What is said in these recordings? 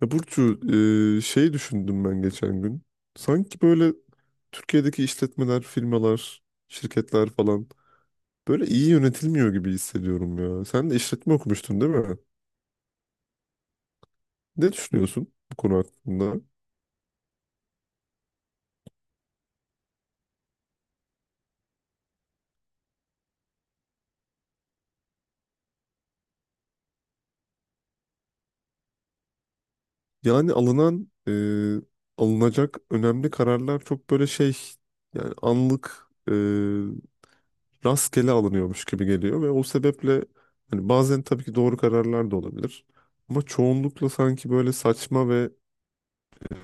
Ya Burcu, düşündüm ben geçen gün. Sanki böyle Türkiye'deki işletmeler, firmalar, şirketler falan böyle iyi yönetilmiyor gibi hissediyorum ya. Sen de işletme okumuştun, değil mi? Ne düşünüyorsun bu konu hakkında? Yani alınan, e, Alınacak önemli kararlar çok böyle şey, yani rastgele alınıyormuş gibi geliyor ve o sebeple hani bazen tabii ki doğru kararlar da olabilir. Ama çoğunlukla sanki böyle saçma ve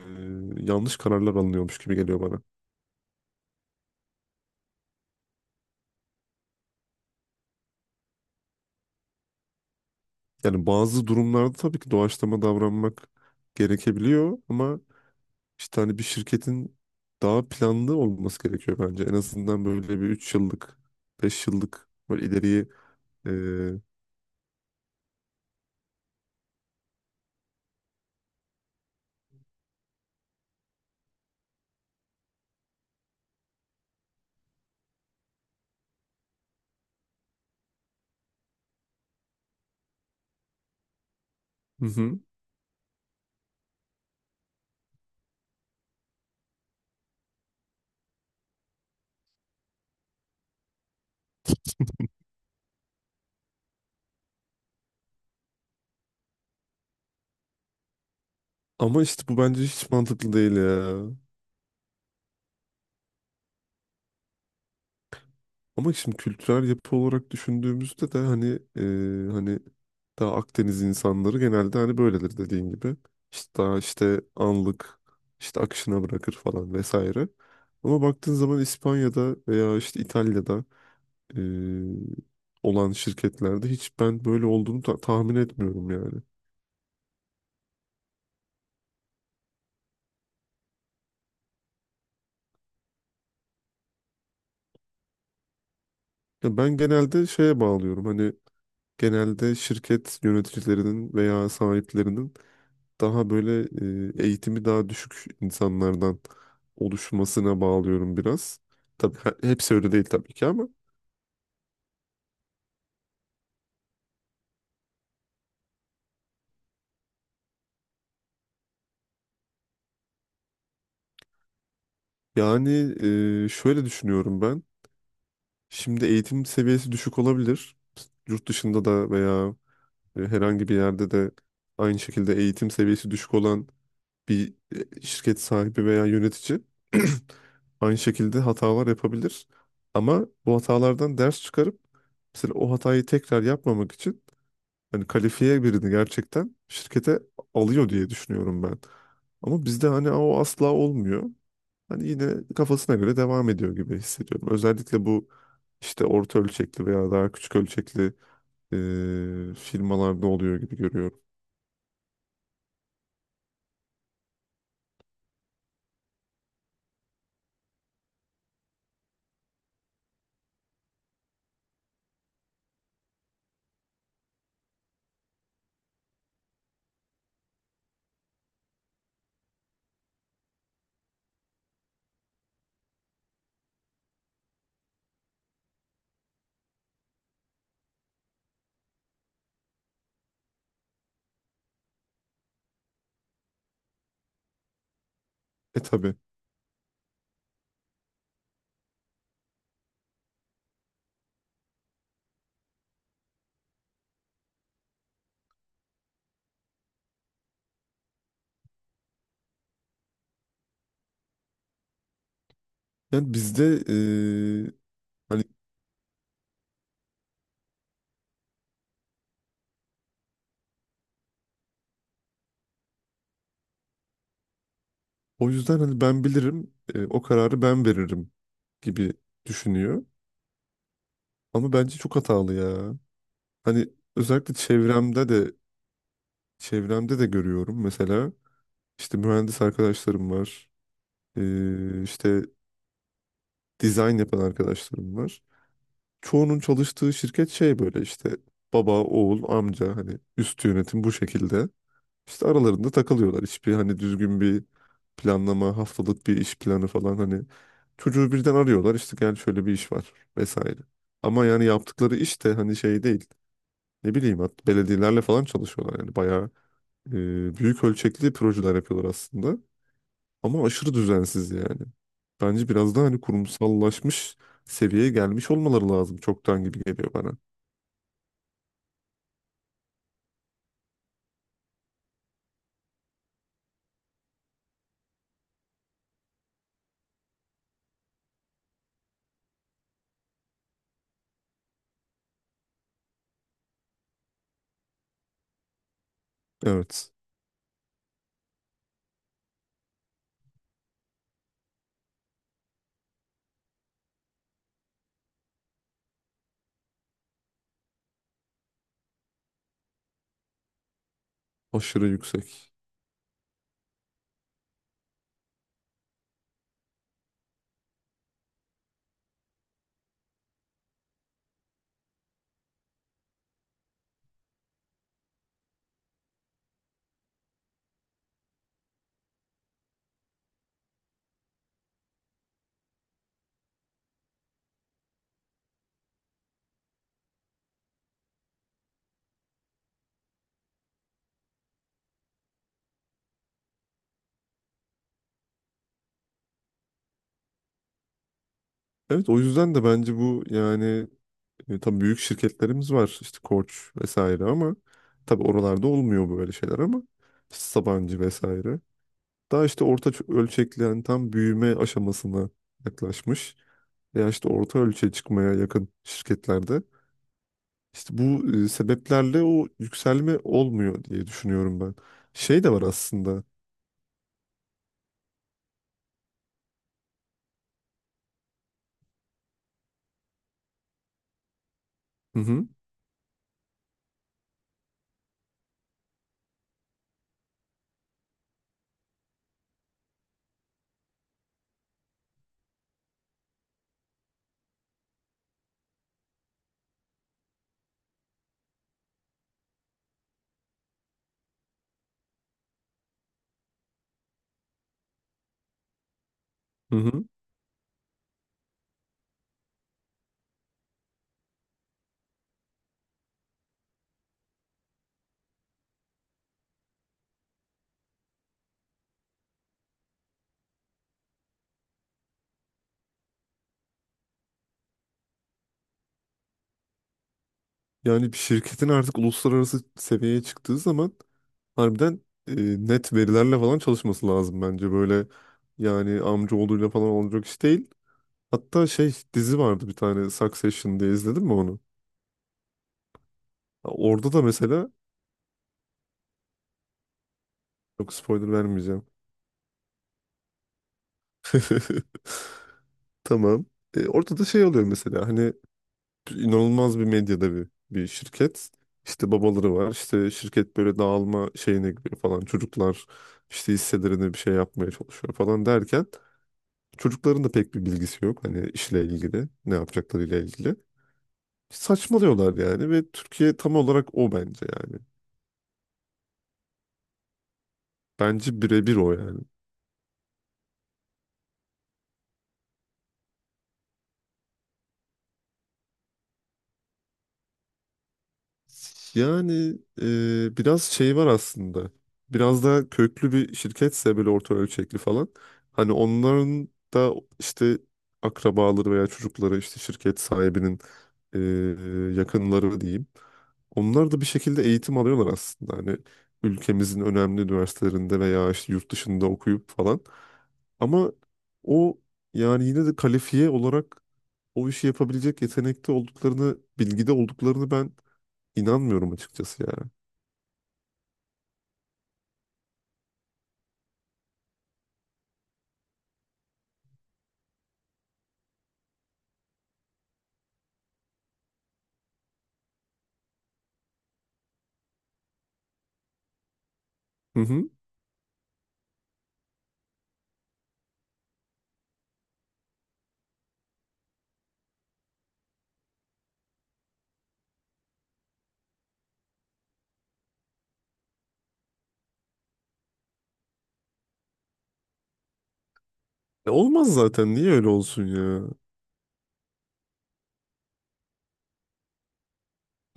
yanlış kararlar alınıyormuş gibi geliyor bana. Yani bazı durumlarda tabii ki doğaçlama davranmak gerekebiliyor ama işte hani bir şirketin daha planlı olması gerekiyor bence. En azından böyle bir 3 yıllık, 5 yıllık böyle ileriye e, hı hı. Ama işte bu bence hiç mantıklı değil ya. Ama şimdi kültürel yapı olarak düşündüğümüzde de hani daha Akdeniz insanları genelde hani böyledir, dediğin gibi. İşte daha işte anlık, işte akışına bırakır falan vesaire. Ama baktığın zaman İspanya'da veya işte İtalya'da e, olan şirketlerde hiç ben böyle olduğunu tahmin etmiyorum yani. Ya ben genelde şeye bağlıyorum, hani genelde şirket yöneticilerinin veya sahiplerinin daha eğitimi daha düşük insanlardan oluşmasına bağlıyorum biraz. Tabii hepsi öyle değil tabii ki ama yani, şöyle düşünüyorum ben. Şimdi eğitim seviyesi düşük olabilir. Yurt dışında da veya herhangi bir yerde de aynı şekilde eğitim seviyesi düşük olan bir şirket sahibi veya yönetici aynı şekilde hatalar yapabilir. Ama bu hatalardan ders çıkarıp mesela o hatayı tekrar yapmamak için hani kalifiye birini gerçekten şirkete alıyor diye düşünüyorum ben. Ama bizde hani o asla olmuyor. Hani yine kafasına göre devam ediyor gibi hissediyorum. Özellikle bu işte orta ölçekli veya daha küçük ölçekli firmalarda oluyor gibi görüyorum. E tabii. Yani bizde e, hani o yüzden hani ben bilirim, o kararı ben veririm gibi düşünüyor. Ama bence çok hatalı ya. Hani özellikle çevremde de görüyorum mesela. İşte mühendis arkadaşlarım var. İşte dizayn yapan arkadaşlarım var. Çoğunun çalıştığı şirket şey, böyle işte baba, oğul, amca, hani üst yönetim bu şekilde. İşte aralarında takılıyorlar. Hiçbir hani düzgün bir planlama, haftalık bir iş planı falan hani, çocuğu birden arıyorlar işte, gel şöyle bir iş var vesaire. Ama yani yaptıkları iş de hani şey değil. Ne bileyim hat belediyelerle falan çalışıyorlar yani bayağı büyük ölçekli projeler yapıyorlar aslında. Ama aşırı düzensiz yani. Bence biraz daha hani kurumsallaşmış seviyeye gelmiş olmaları lazım çoktan gibi geliyor bana. Evet. Aşırı yüksek. Evet, o yüzden de bence bu yani, tabii büyük şirketlerimiz var işte Koç vesaire ama tabii oralarda olmuyor böyle şeyler ama işte Sabancı vesaire. Daha işte orta ölçekli yani tam büyüme aşamasına yaklaşmış veya işte orta ölçeğe çıkmaya yakın şirketlerde, İşte bu sebeplerle o yükselme olmuyor diye düşünüyorum ben. Şey de var aslında. Hı hı. Hı hı. Yani bir şirketin artık uluslararası seviyeye çıktığı zaman harbiden e, net verilerle falan çalışması lazım bence. Böyle yani amcaoğluyla falan olacak iş değil. Hatta şey, dizi vardı bir tane, Succession diye, izledin mi onu? Orada da mesela, yok, spoiler vermeyeceğim. Tamam. E, orada da şey oluyor mesela, hani inanılmaz bir medya devi bir şirket. İşte babaları var. İşte şirket böyle dağılma şeyine giriyor falan. Çocuklar işte hisselerine bir şey yapmaya çalışıyor falan derken çocukların da pek bir bilgisi yok. Hani işle ilgili, ne yapacaklarıyla ilgili. Saçmalıyorlar yani ve Türkiye tam olarak o bence yani. Bence birebir o yani. Yani biraz şey var aslında. Biraz daha köklü bir şirketse böyle orta ölçekli falan. Hani onların da işte akrabaları veya çocukları, işte şirket sahibinin yakınları diyeyim. Onlar da bir şekilde eğitim alıyorlar aslında. Hani ülkemizin önemli üniversitelerinde veya işte yurt dışında okuyup falan. Ama o yani yine de kalifiye olarak o işi yapabilecek yetenekte olduklarını, bilgide olduklarını ben İnanmıyorum açıkçası ya. Hı hı. E, olmaz zaten. Niye öyle olsun ya?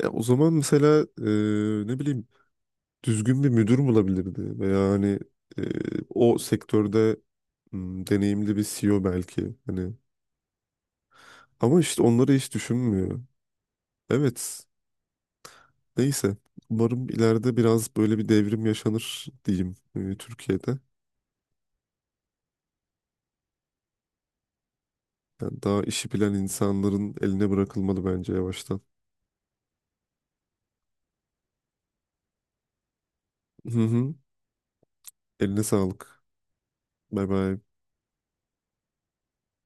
Ya o zaman mesela, ne bileyim, düzgün bir müdür bulabilirdi veya hani e, o sektörde deneyimli bir CEO belki hani. Ama işte onları hiç düşünmüyor. Evet. Neyse. Umarım ileride biraz böyle bir devrim yaşanır diyeyim Türkiye'de. Yani daha işi bilen insanların eline bırakılmalı bence yavaştan. Hı hı. Eline sağlık. Bay bay.